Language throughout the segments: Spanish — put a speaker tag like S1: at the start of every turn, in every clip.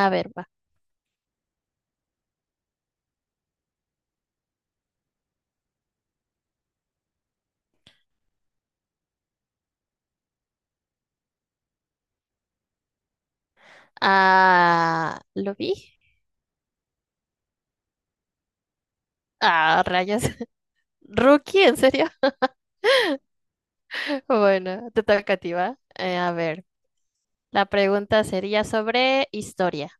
S1: A ver, va. Ah, ¿lo vi? Ah, rayas. ¿Rookie? ¿En serio? Bueno, te toca a ti, ¿va? A ver, la pregunta sería sobre historia.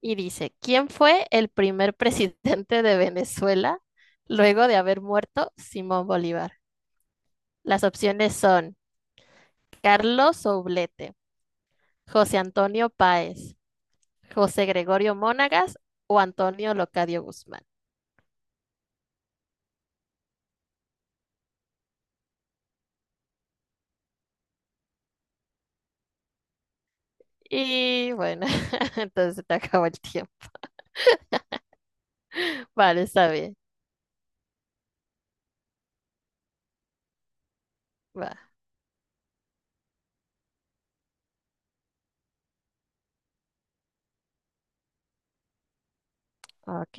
S1: Y dice, ¿quién fue el primer presidente de Venezuela luego de haber muerto Simón Bolívar? Las opciones son Carlos Oblete, José Antonio Páez, José Gregorio Monagas o Antonio Locadio Guzmán. Y bueno, entonces te acabó el tiempo. Vale, está bien. Va, ok,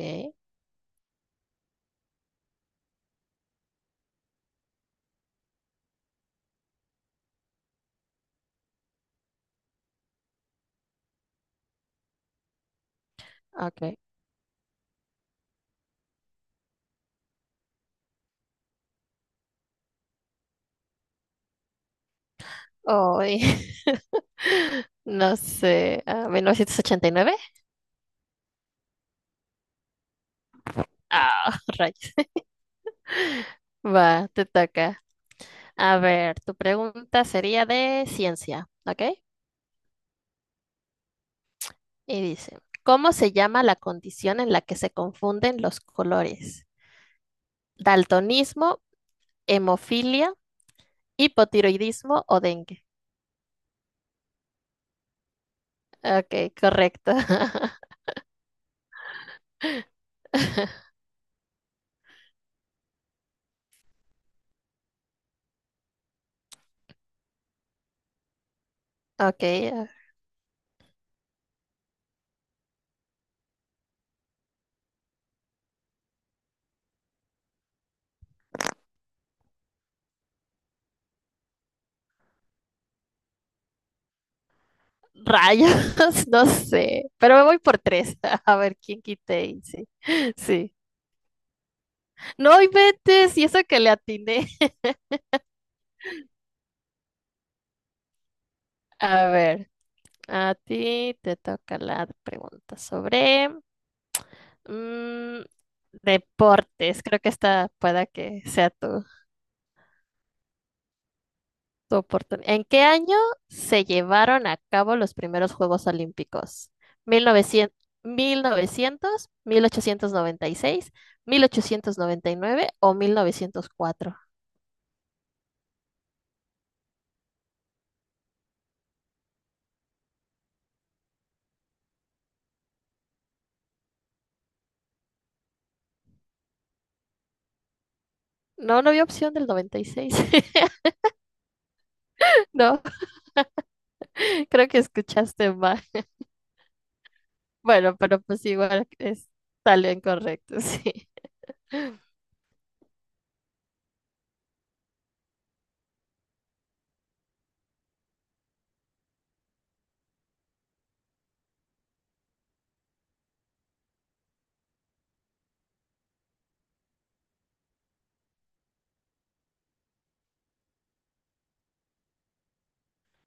S1: ok. Hoy, no sé, ah, 1989. Ah, rayos. Va, te toca. A ver, tu pregunta sería de ciencia, ¿ok? Y dice, ¿cómo se llama la condición en la que se confunden los colores? ¿Daltonismo, hemofilia, hipotiroidismo o dengue? Ok, correcto. Ok. Rayas, no sé, pero me voy por tres, a ver quién quite y sí, sí. No inventes, y eso que le atiné. A ver, a ti te toca la pregunta sobre mm, deportes, creo que esta pueda que sea tu, tu oportunidad. ¿En qué año se llevaron a cabo los primeros Juegos Olímpicos? Mil mil mil mil 896, 1899 o 1904. No, no había opción del 96. No, creo que escuchaste mal. Bueno, pero pues igual es, salió incorrecto, sí.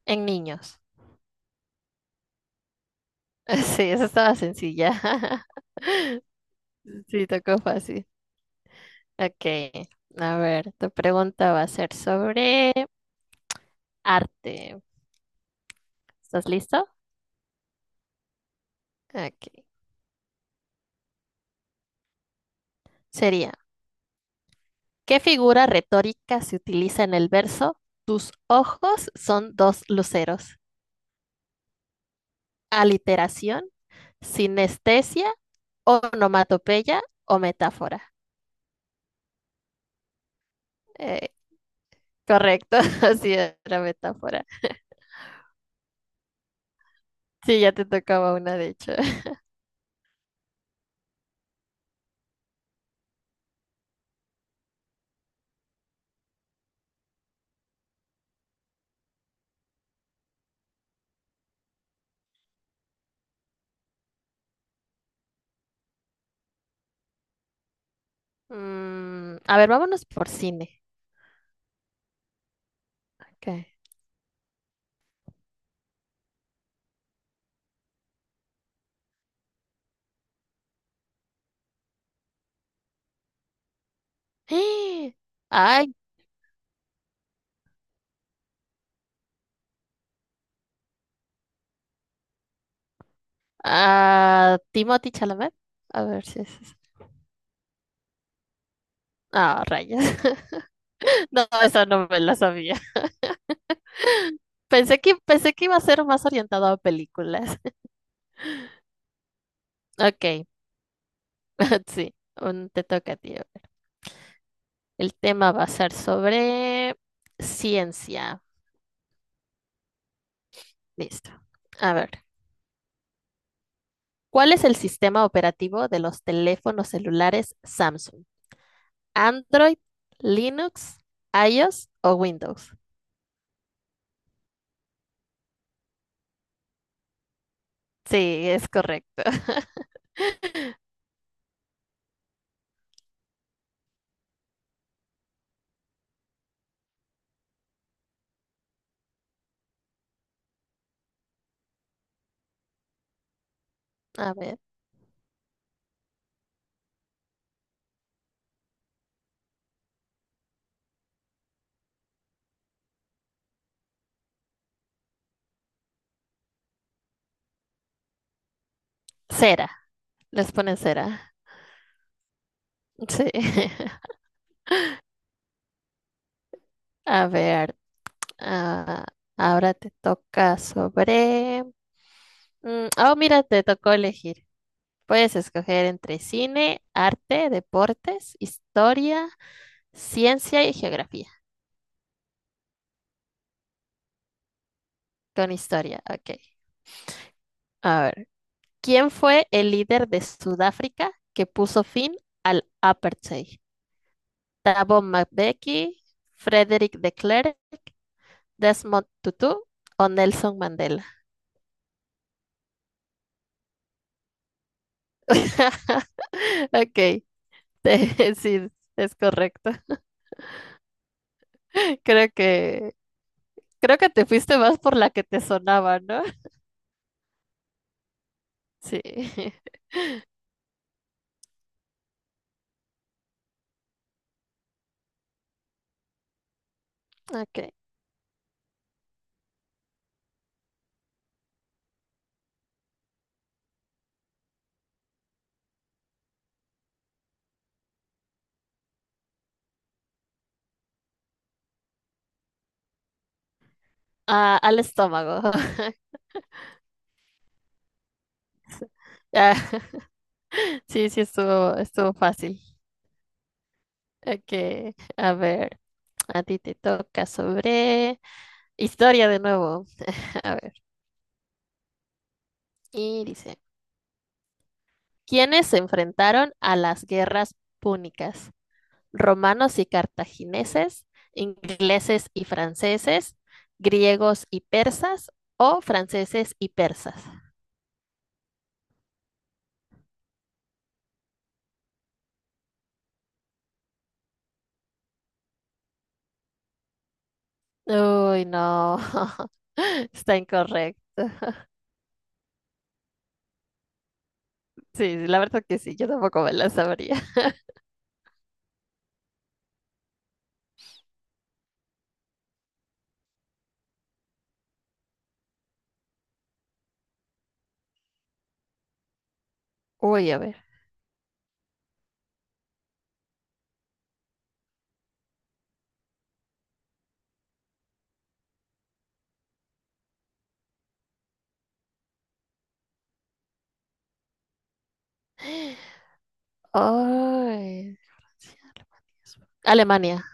S1: En niños. Sí, esa estaba sencilla. Sí, tocó fácil. Ok, a ver, tu pregunta va a ser sobre arte. ¿Estás listo? Ok. Sería, ¿qué figura retórica se utiliza en el verso? Tus ojos son dos luceros. Aliteración, sinestesia, onomatopeya o metáfora. Eh, correcto, así era metáfora. Sí, ya te tocaba una, de hecho. A ver, vámonos por cine. Ok. Ay, ah, Timothy Chalamet. A ver si es eso. Ah, rayos. No, eso no me la sabía. Pensé que iba a ser más orientado a películas. Ok, sí, te toca, tío. El tema va a ser sobre ciencia. Listo. A ver, ¿cuál es el sistema operativo de los teléfonos celulares Samsung? ¿Android, Linux, iOS o Windows? Sí, es correcto. A ver, cera. Les ponen cera. Sí. A ver, ah, ahora te toca sobre... Oh, mira, te tocó elegir. Puedes escoger entre cine, arte, deportes, historia, ciencia y geografía. Con historia, ok. A ver, ¿quién fue el líder de Sudáfrica que puso fin al apartheid? Thabo Mbeki, Frederick de Klerk, Desmond Tutu o Nelson Mandela. Ok, sí, es correcto. Creo que creo que te fuiste más por la que te sonaba, ¿no? Sí. Ok. Ah, al estómago. Ah, sí, sí estuvo fácil. Ok, a ver, a ti te toca sobre historia de nuevo. A ver, y dice, ¿quiénes se enfrentaron a las guerras púnicas? Romanos y cartagineses, ingleses y franceses, griegos y persas o franceses y persas. Uy, no, está incorrecto. Sí, sí, la verdad que sí, yo tampoco me la sabría. Uy, a ver. Ay, Francia, Alemania.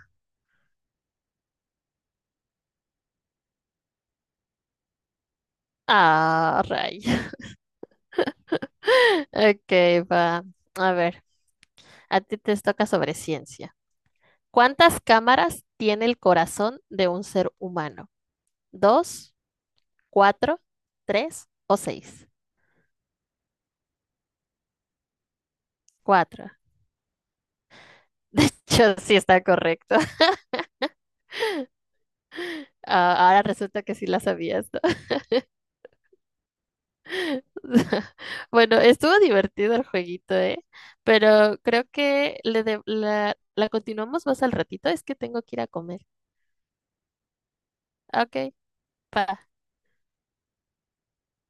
S1: Ah, ray. Ok, va. A ver, a ti te toca sobre ciencia. ¿Cuántas cámaras tiene el corazón de un ser humano? ¿Dos, cuatro, tres o seis? Cuatro. De hecho, sí está correcto. Ah, ahora resulta que sí la sabías, ¿no? Bueno, estuvo divertido el jueguito, ¿eh? Pero creo que la continuamos más al ratito. Es que tengo que ir a comer. Ok, pa.